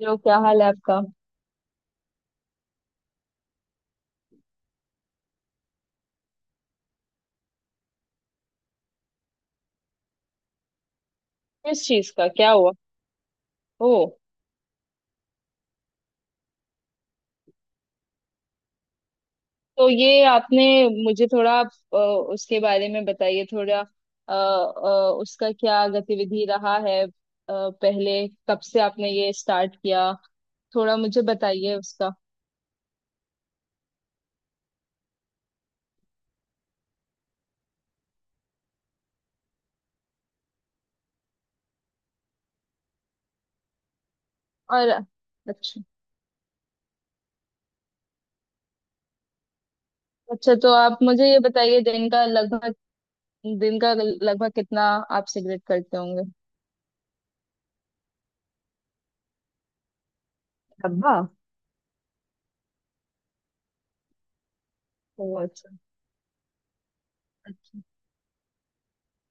जो, क्या हाल है आपका? किस चीज का? क्या हुआ? ओ। तो ये आपने मुझे थोड़ा अ, उसके बारे में बताइए थोड़ा। उसका क्या गतिविधि रहा है? पहले कब से आपने ये स्टार्ट किया? थोड़ा मुझे बताइए उसका। और? अच्छा। अच्छा, तो आप मुझे ये बताइए, दिन का लगभग कितना आप सिगरेट करते होंगे? डब्बा? ओ, अच्छा अच्छा।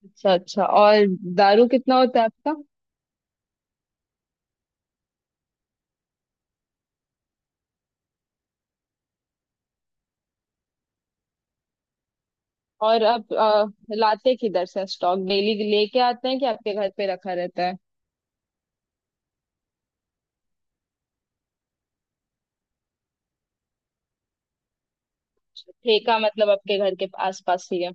अच्छा, अच्छा। और? दारू कितना होता है आपका? और अब लाते किधर से? स्टॉक डेली लेके आते हैं कि आपके घर पे रखा रहता है? ठेका मतलब आपके घर के आसपास ही है?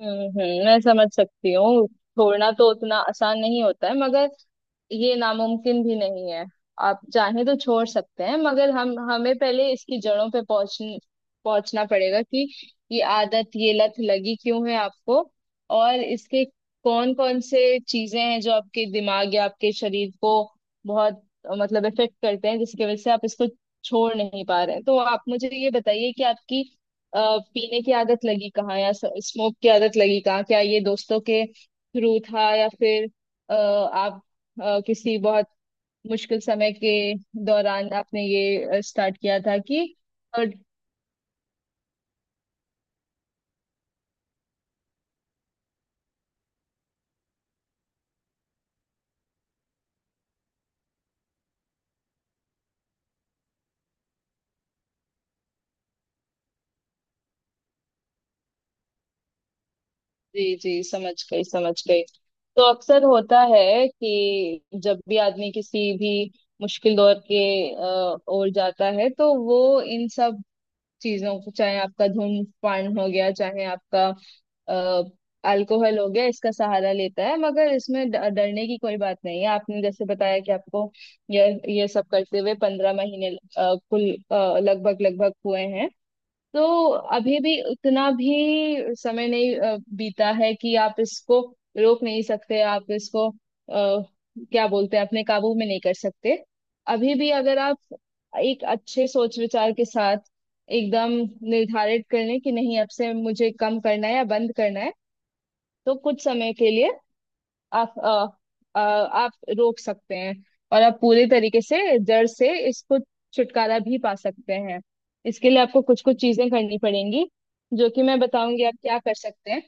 हम्म, मैं समझ सकती हूँ। छोड़ना तो उतना आसान नहीं होता है, मगर ये नामुमकिन भी नहीं है। आप चाहें तो छोड़ सकते हैं, मगर हम हमें पहले इसकी जड़ों पे पहुंचना पड़ेगा कि ये आदत, ये लत लगी क्यों है आपको। और इसके कौन कौन से चीजें हैं जो आपके दिमाग या आपके शरीर को बहुत, मतलब, इफेक्ट करते हैं, जिसकी वजह से आप इसको छोड़ नहीं पा रहे हैं? तो आप मुझे ये बताइए कि आपकी अ, पीने की आदत लगी कहाँ या स्मोक की आदत लगी कहाँ? क्या ये दोस्तों के थ्रू था, या फिर अ, आप किसी बहुत मुश्किल समय के दौरान आपने ये स्टार्ट किया था कि। अ, जी, जी, समझ गई, समझ गई। तो अक्सर होता है कि जब भी आदमी किसी भी मुश्किल दौर के ओर जाता है, तो वो इन सब चीजों को, चाहे आपका धूम्रपान हो गया, चाहे आपका अल्कोहल हो गया, इसका सहारा लेता है। मगर इसमें डरने की कोई बात नहीं है। आपने जैसे बताया कि आपको ये ये सब करते हुए 15 महीने, कुल लगभग लगभग हुए हैं। तो अभी भी उतना भी समय नहीं बीता है कि आप इसको रोक नहीं सकते, आप इसको क्या बोलते हैं, अपने काबू में नहीं कर सकते। अभी भी अगर आप एक अच्छे सोच विचार के साथ एकदम निर्धारित कर लें कि नहीं, अब से मुझे कम करना है या बंद करना है, तो कुछ समय के लिए आप रोक सकते हैं। और आप पूरे तरीके से जड़ से इसको छुटकारा भी पा सकते हैं। इसके लिए आपको कुछ कुछ चीजें करनी पड़ेंगी जो कि मैं बताऊंगी, आप क्या कर सकते हैं।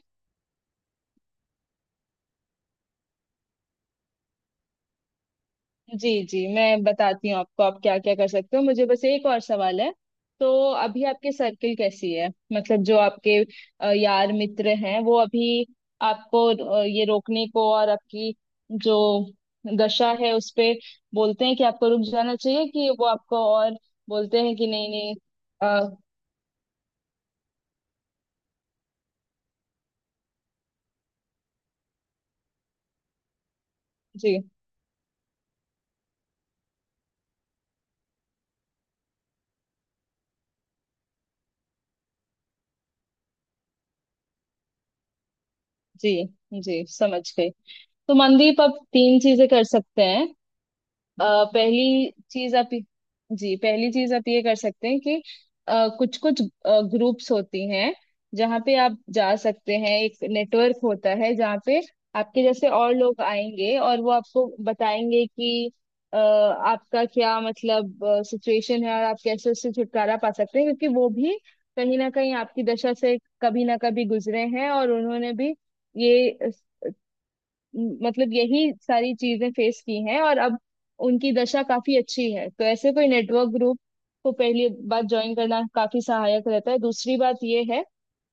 जी, जी, मैं बताती हूँ आपको आप क्या क्या कर सकते हो। मुझे बस एक और सवाल है। तो अभी आपके सर्किल कैसी है? मतलब जो आपके यार मित्र हैं, वो अभी आपको ये रोकने को और आपकी जो दशा है उस पे बोलते हैं कि आपको रुक जाना चाहिए, कि वो आपको और बोलते हैं कि नहीं, नहीं? अ, जी, जी, जी, समझ गई। तो मनदीप, आप तीन चीजें कर सकते हैं। अ, पहली चीज आप जी, पहली चीज आप ये कर सकते हैं कि कुछ कुछ ग्रुप्स होती हैं जहाँ पे आप जा सकते हैं। एक नेटवर्क होता है जहाँ पे आपके जैसे और लोग आएंगे और वो आपको बताएंगे कि आपका क्या, मतलब, सिचुएशन है और आप कैसे उससे छुटकारा पा सकते हैं, क्योंकि वो भी कहीं ना कहीं आपकी दशा से कभी ना कभी गुजरे हैं और उन्होंने भी ये मतलब यही सारी चीजें फेस की हैं, और अब उनकी दशा काफी अच्छी है। तो ऐसे कोई नेटवर्क ग्रुप को पहली बात ज्वाइन करना काफी सहायक रहता है। दूसरी बात ये है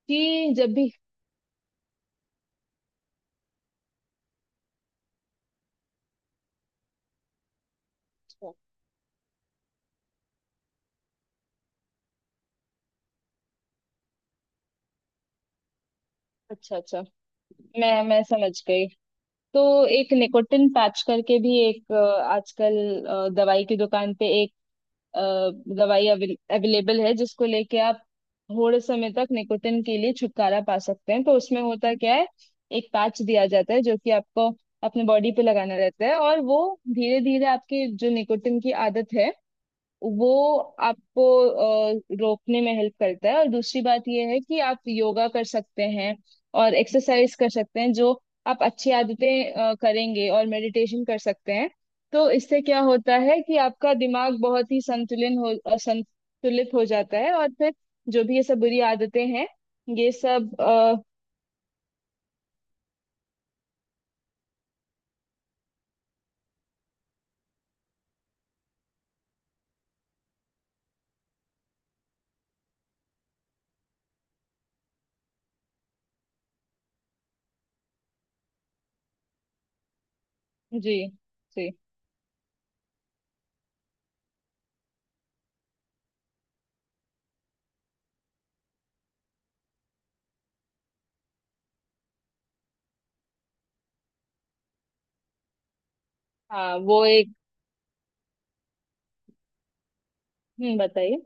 कि जब भी। अच्छा, अच्छा। मैं समझ गई। तो एक निकोटिन पैच करके भी एक, आजकल दवाई की दुकान पे अ, दवाई अवेलेबल है, जिसको लेके आप थोड़े समय तक निकोटिन के लिए छुटकारा पा सकते हैं। तो उसमें होता क्या है, एक पैच दिया जाता है जो कि आपको अपने बॉडी पे लगाना रहता है, और वो धीरे धीरे आपकी जो निकोटिन की आदत है वो आपको रोकने में हेल्प करता है। और दूसरी बात ये है कि आप योगा कर सकते हैं और एक्सरसाइज कर सकते हैं, जो आप अच्छी आदतें करेंगे, और मेडिटेशन कर सकते हैं। तो इससे क्या होता है कि आपका दिमाग बहुत ही संतुलित हो जाता है, और फिर जो भी ये सब बुरी आदतें हैं, ये सब अ, जी, जी। हाँ, वो एक। हम्म, बताइए।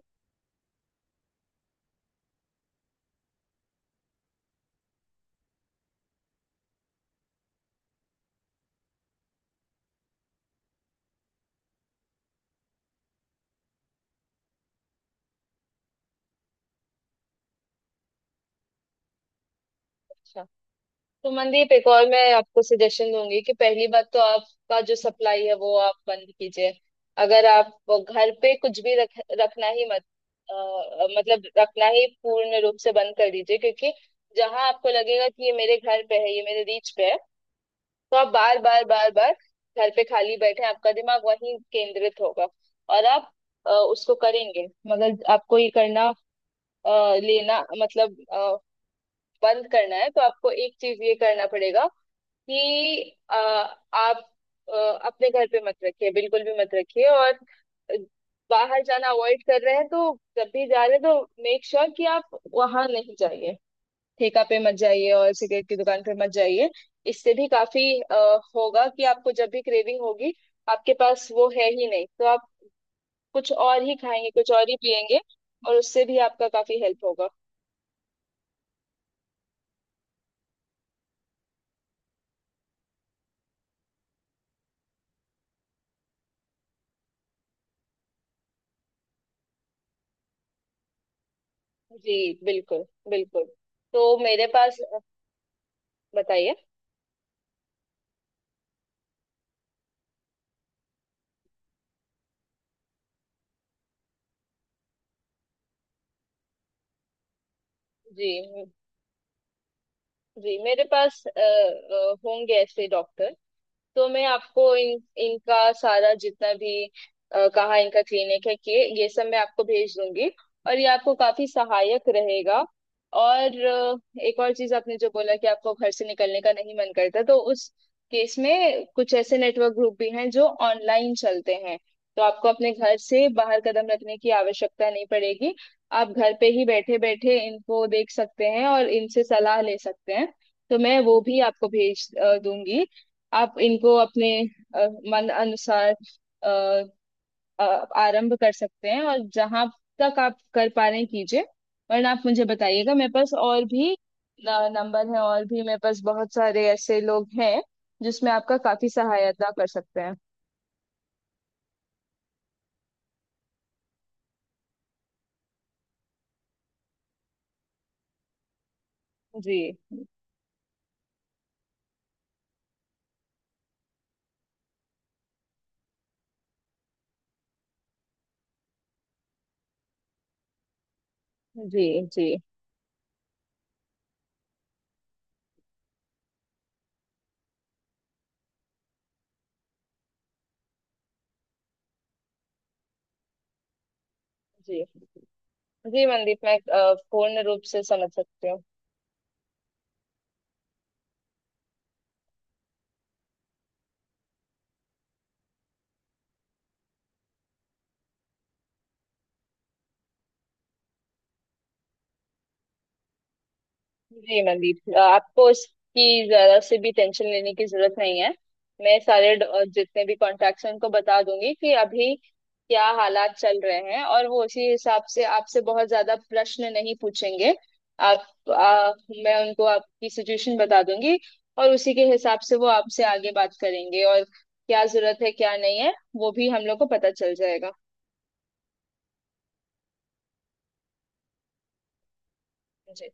अच्छा। तो मनदीप, एक और मैं आपको सजेशन दूंगी कि पहली बात तो आपका जो सप्लाई है वो आप बंद कीजिए। अगर आप वो घर पे कुछ भी रख रखना ही मत। अ, मतलब रखना ही पूर्ण रूप से बंद कर दीजिए, क्योंकि जहां आपको लगेगा कि ये मेरे घर पे है, ये मेरे रीच पे है, तो आप बार बार बार बार घर पे खाली बैठे हैं, आपका दिमाग वहीं केंद्रित होगा, और आप उसको करेंगे। मगर आपको ये करना, अ, लेना, मतलब बंद करना है, तो आपको एक चीज ये करना पड़ेगा कि आप अ, अपने घर पे मत रखिए, बिल्कुल भी मत रखिए। और बाहर जाना अवॉइड कर रहे हैं, तो जब भी जा रहे हैं तो मेक श्योर कि आप वहां नहीं जाइए। ठेका पे मत जाइए और सिगरेट की दुकान पे मत जाइए। इससे भी काफी होगा कि आपको जब भी क्रेविंग होगी, आपके पास वो है ही नहीं, तो आप कुछ और ही खाएंगे, कुछ और ही पिएंगे, और उससे भी आपका काफी हेल्प होगा। जी, बिल्कुल, बिल्कुल। तो मेरे पास। बताइए। जी, जी, मेरे पास होंगे ऐसे डॉक्टर। तो मैं आपको इन इनका सारा जितना भी, कहाँ इनका क्लिनिक है, कि ये सब मैं आपको भेज दूंगी, और ये आपको काफी सहायक रहेगा। और एक और चीज, आपने जो बोला कि आपको घर से निकलने का नहीं मन करता, तो उस केस में कुछ ऐसे नेटवर्क ग्रुप भी हैं जो ऑनलाइन चलते हैं। तो आपको अपने घर से बाहर कदम रखने की आवश्यकता नहीं पड़ेगी। आप घर पे ही बैठे बैठे इनको देख सकते हैं और इनसे सलाह ले सकते हैं। तो मैं वो भी आपको भेज दूंगी। आप इनको अपने अ, मन अनुसार अ, अ, आरंभ कर सकते हैं, और जहां तक आप कर पा रहे हैं कीजिए। वरना आप मुझे बताइएगा, मेरे पास और भी नंबर है, और भी मेरे पास बहुत सारे ऐसे लोग हैं जिसमें आपका काफी सहायता कर सकते हैं। जी, जी, जी, जी, जी, जी, मंदीप, मैं पूर्ण रूप से समझ सकती हूँ। जी, मनदीप, आपको इसकी जरा से भी टेंशन लेने की जरूरत नहीं है। मैं सारे जितने भी कॉन्टैक्ट्स हैं उनको बता दूंगी कि अभी क्या हालात चल रहे हैं, और वो उसी हिसाब से आपसे बहुत ज्यादा प्रश्न नहीं पूछेंगे। आप आ, मैं उनको आपकी सिचुएशन बता दूंगी, और उसी के हिसाब से वो आपसे आगे बात करेंगे, और क्या जरूरत है क्या नहीं है वो भी हम लोग को पता चल जाएगा। जी,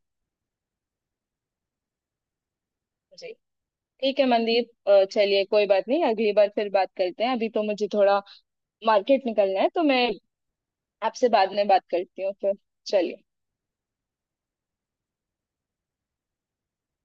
जी, ठीक है मनदीप। चलिए, कोई बात नहीं, अगली बार फिर बात करते हैं। अभी तो मुझे थोड़ा मार्केट निकलना है, तो मैं आपसे बाद में बात करती हूँ फिर। चलिए।